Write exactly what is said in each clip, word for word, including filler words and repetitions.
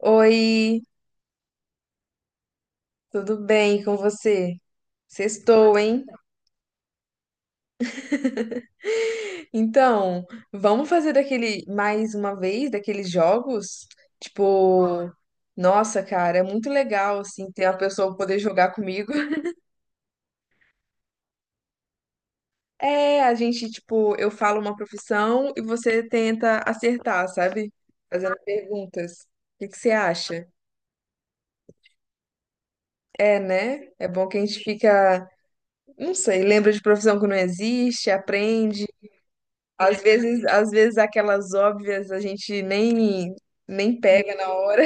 Oi, tudo bem com você? Sextou, hein? Então, vamos fazer daquele mais uma vez daqueles jogos? Tipo, nossa, cara, é muito legal assim ter a pessoa poder jogar comigo. É, a gente, tipo, eu falo uma profissão e você tenta acertar, sabe? Fazendo perguntas. O que que você acha? É, né? É bom que a gente fica, não sei, lembra de profissão que não existe, aprende. Às vezes, às vezes aquelas óbvias a gente nem nem pega na hora.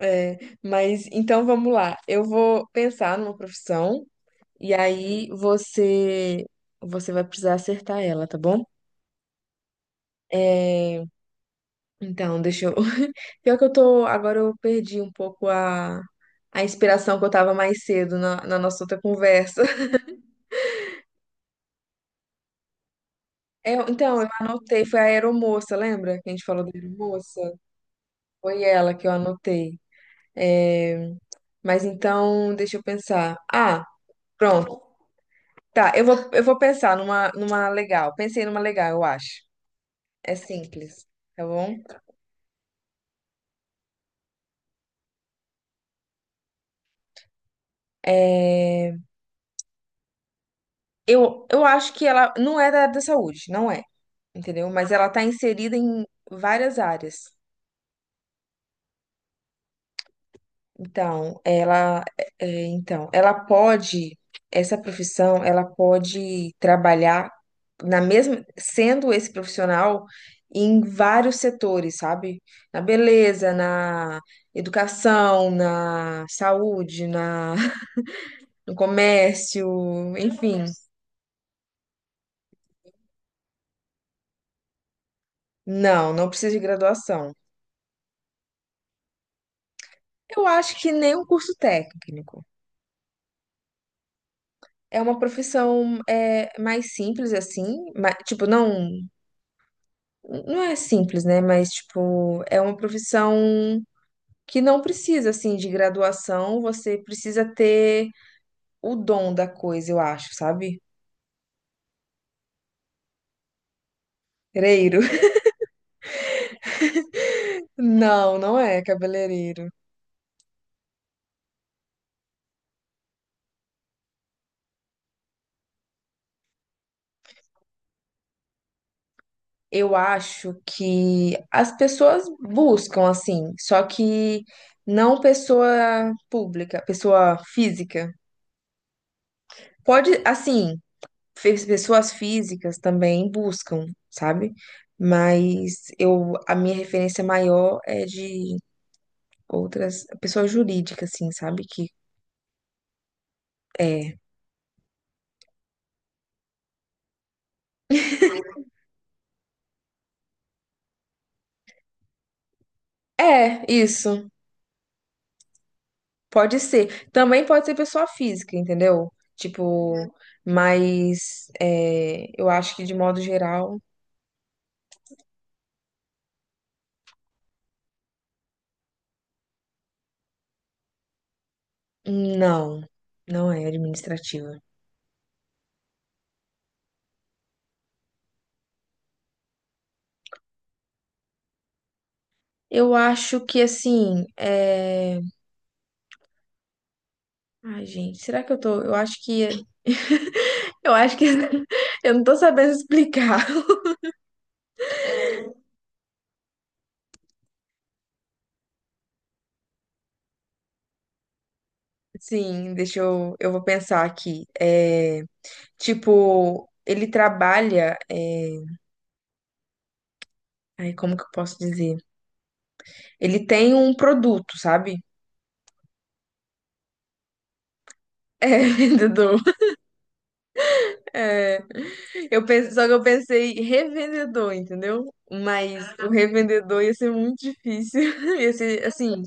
É, mas então vamos lá. Eu vou pensar numa profissão e aí você você vai precisar acertar ela, tá bom? É, então, deixa eu. Pior que eu tô. Agora eu perdi um pouco a, a inspiração que eu tava mais cedo na, na nossa outra conversa. É, então, eu anotei, foi a aeromoça, lembra? Que a gente falou da aeromoça? Foi ela que eu anotei. É, mas então, deixa eu pensar. Ah, pronto. Tá, eu vou, eu vou pensar numa, numa legal. Pensei numa legal, eu acho. É simples, tá bom? É, Eu, eu acho que ela não é da área da saúde, não é, entendeu? Mas ela tá inserida em várias áreas. Então, ela, é, então, ela pode, essa profissão, ela pode trabalhar na mesma, sendo esse profissional em vários setores, sabe? Na beleza, na educação, na saúde, na, no comércio, enfim. Não, não precisa de graduação. Eu acho que nem um curso técnico. É uma profissão é, mais simples assim, ma- tipo, não não é simples, né? Mas, tipo, é uma profissão que não precisa, assim, de graduação, você precisa ter o dom da coisa, eu acho, sabe? Cabeleireiro. Não, não é cabeleireiro. Eu acho que as pessoas buscam, assim, só que não pessoa pública, pessoa física. Pode, assim, fe- pessoas físicas também buscam, sabe? Mas eu, a minha referência maior é de outras, pessoa jurídica, assim, sabe? Que é. É, isso. Pode ser. Também pode ser pessoa física, entendeu? Tipo, mas é, eu acho que de modo geral, não. Não é administrativa. Eu acho que assim, é... Ai, gente, será que eu tô? Eu acho que eu acho que eu não tô sabendo explicar. Sim, deixa eu, eu vou pensar aqui. É, tipo, ele trabalha é, Aí, como que eu posso dizer? Ele tem um produto, sabe? É vendedor. É, eu pensei, só que eu pensei revendedor, entendeu? Mas o revendedor ia ser muito difícil. Ia ser, assim,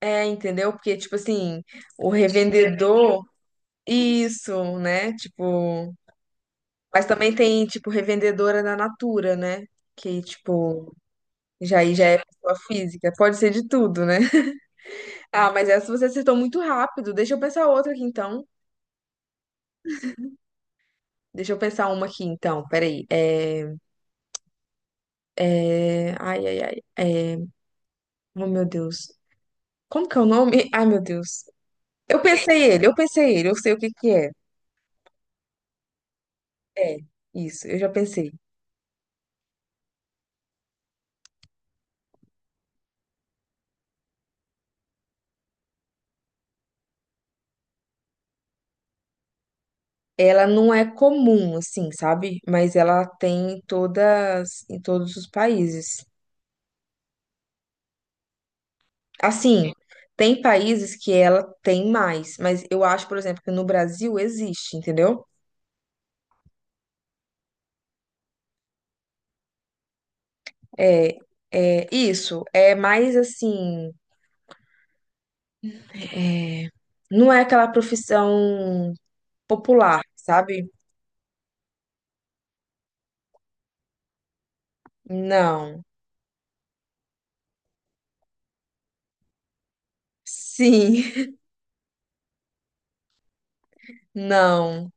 é, entendeu? Porque, tipo assim, o revendedor, isso, né? Tipo, mas também tem, tipo, revendedora da Natura, né? Que, tipo, já aí já é pessoa física. Pode ser de tudo, né? Ah, mas essa você acertou muito rápido. Deixa eu pensar outra aqui, então. Deixa eu pensar uma aqui, então. Peraí. É, é, ai, ai, ai. É, oh, meu Deus. Como que é o nome? Ai, meu Deus. Eu pensei ele, eu pensei ele, eu sei o que que é. É, isso, eu já pensei. Ela não é comum, assim, sabe? Mas ela tem em todas, em todos os países. Assim, tem países que ela tem mais, mas eu acho, por exemplo, que no Brasil existe, entendeu? É, é isso. É mais assim. É, não é aquela profissão popular, sabe? Não. Sim. Não.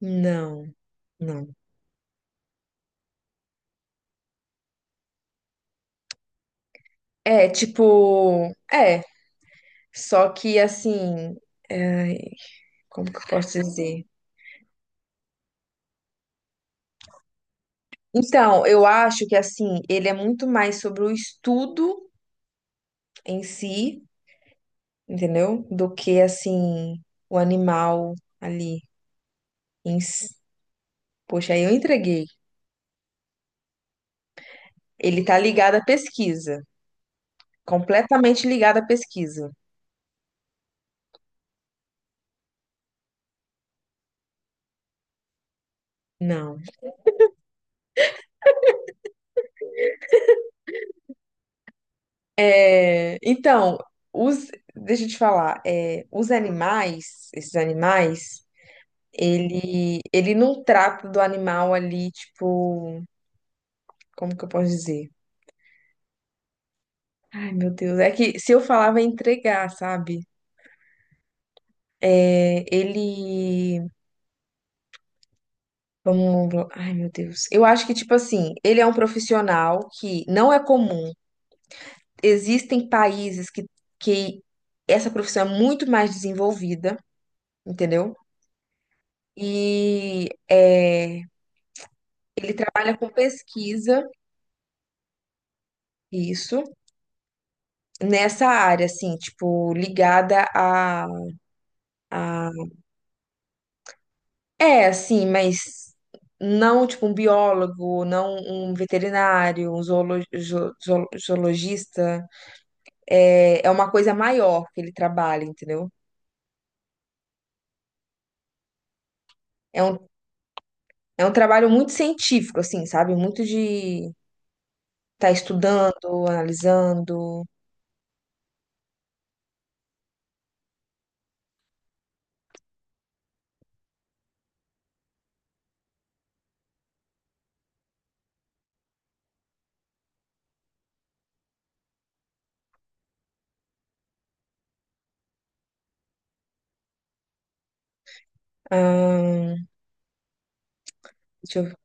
Não. Não. É, tipo, é, só que assim, é, como que eu posso dizer? Então, eu acho que assim, ele é muito mais sobre o estudo em si, entendeu? Do que assim, o animal ali em si. Poxa, aí eu entreguei. Ele tá ligado à pesquisa, completamente ligado à pesquisa. Não. É, então, os, deixa eu te falar, é, os animais, esses animais, ele, ele não trata do animal ali, tipo, como que eu posso dizer? Ai, meu Deus, é que se eu falar vai entregar, sabe? É, ele, vamos, ai, meu Deus. Eu acho que, tipo assim, ele é um profissional que não é comum. Existem países que, que essa profissão é muito mais desenvolvida, entendeu? E é, ele trabalha com pesquisa, isso, nessa área, assim, tipo, ligada a, a... É, assim, mas não, tipo, um biólogo, não um veterinário, um zoolo- zo- zo- zoologista. É, é uma coisa maior que ele trabalha, entendeu? É um, é um trabalho muito científico, assim, sabe? Muito de estar estudando, analisando. Ahn, deixa eu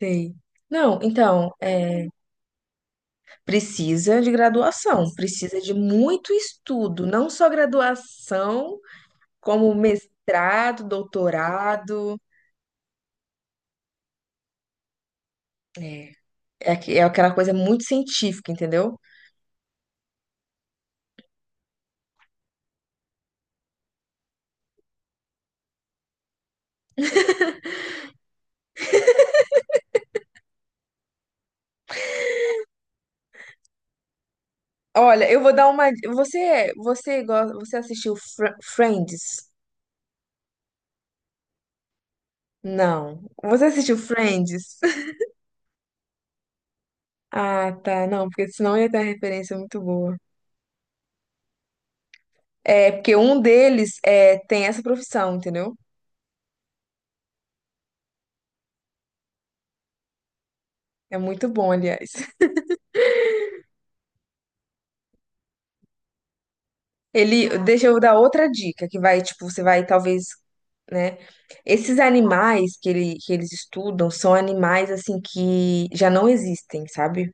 ver. Não, então, é. Precisa de graduação, precisa de muito estudo, não só graduação, como mestrado, doutorado. É, é, aqu- é aquela coisa muito científica, entendeu? Olha, eu vou dar uma. Você, você, gosta, você assistiu Fr- Friends? Não. Você assistiu Friends? Ah, tá. Não, porque senão ia ter uma referência muito boa. É, porque um deles é, tem essa profissão, entendeu? É muito bom, aliás. Ele, deixa eu dar outra dica que vai, tipo, você vai talvez, né? Esses animais que, ele, que eles estudam são animais assim que já não existem, sabe?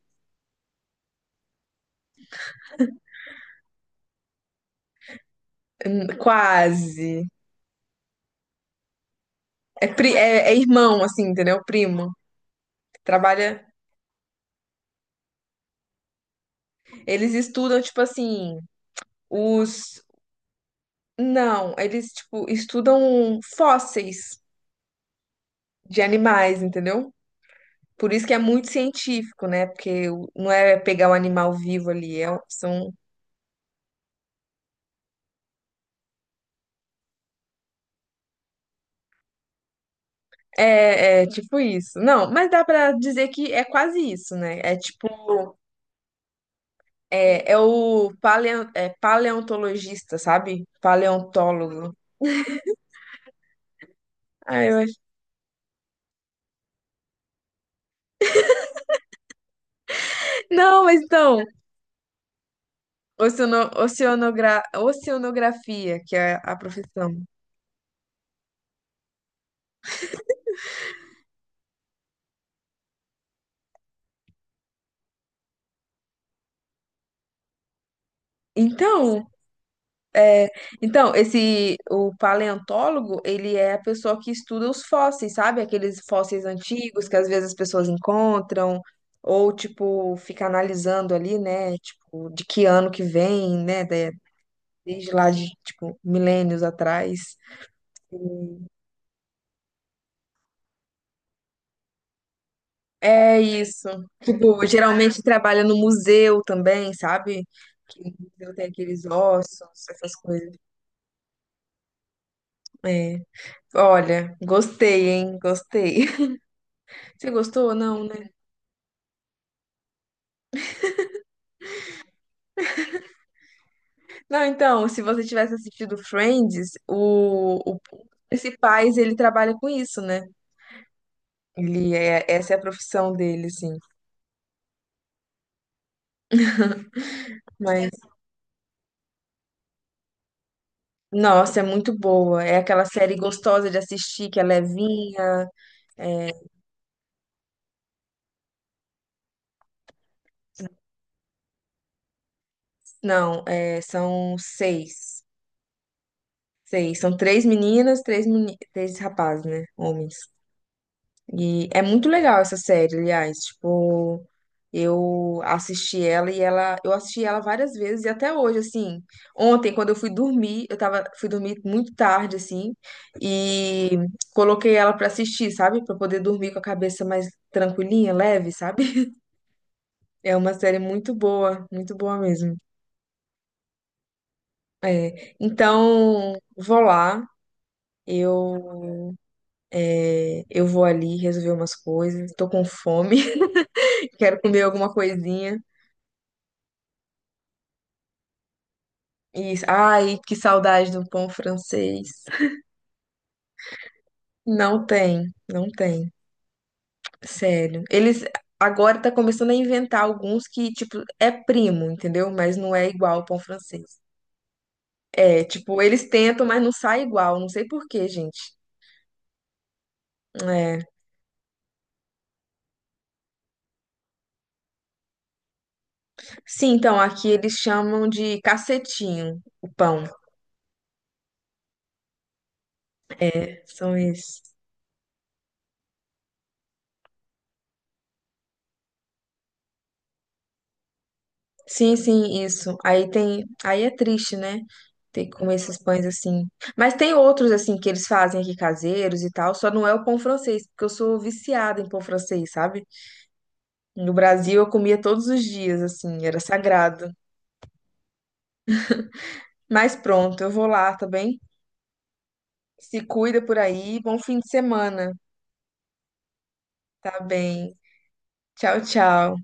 Hum, Quase. É, pri- é, é irmão, assim, entendeu? Primo. Trabalha. Eles estudam, tipo assim, os. Não, eles, tipo, estudam fósseis de animais, entendeu? Por isso que é muito científico, né? Porque o- não é pegar o animal vivo ali, é, são é, é tipo isso. Não, mas dá pra dizer que é quase isso, né? É tipo, é, é o paleo, é paleontologista, sabe? Paleontólogo. Ah, eu acho. Não, mas então, oceano, oceanogra, oceanografia, que é a profissão. Então, então, esse o paleontólogo, ele é a pessoa que estuda os fósseis, sabe? Aqueles fósseis antigos que às vezes as pessoas encontram, ou tipo, fica analisando ali, né? Tipo, de que ano que vem, né? de- desde lá de, tipo, milênios atrás. É isso. Tipo, geralmente trabalha no museu também, sabe? Que o museu tem aqueles ossos, essas coisas. É. Olha, gostei, hein? Gostei. Você gostou? Não, né? Não, então, se você tivesse assistido Friends, o, o principais ele trabalha com isso, né? Ele é, essa é a profissão dele, assim. Mas, nossa, é muito boa. É aquela série gostosa de assistir, que é levinha. É, não, é, são seis. Seis. São três meninas, três, meni, três rapazes, né? Homens. E é muito legal essa série, aliás. Tipo, eu assisti ela e ela, eu assisti ela várias vezes e até hoje, assim, ontem quando eu fui dormir, eu tava, fui dormir muito tarde, assim, e coloquei ela pra assistir, sabe? Pra poder dormir com a cabeça mais tranquilinha, leve, sabe? É uma série muito boa, muito boa mesmo. É, então, vou lá, eu, é, eu vou ali resolver umas coisas, tô com fome, quero comer alguma coisinha. E, ai, que saudade do pão francês. Não tem, não tem, sério. Eles agora tá começando a inventar alguns que, tipo, é primo, entendeu? Mas não é igual ao pão francês. É, tipo, eles tentam, mas não sai igual, não sei por quê, gente. É. Sim, então aqui eles chamam de cacetinho o pão. É, são esses. Sim, sim, isso. Aí tem, aí é triste, né? Ter que comer esses pães assim. Mas tem outros assim que eles fazem aqui caseiros e tal, só não é o pão francês, porque eu sou viciada em pão francês, sabe? No Brasil eu comia todos os dias, assim, era sagrado. Mas pronto, eu vou lá, tá bem? Se cuida por aí, bom fim de semana, tá bem? Tchau, tchau.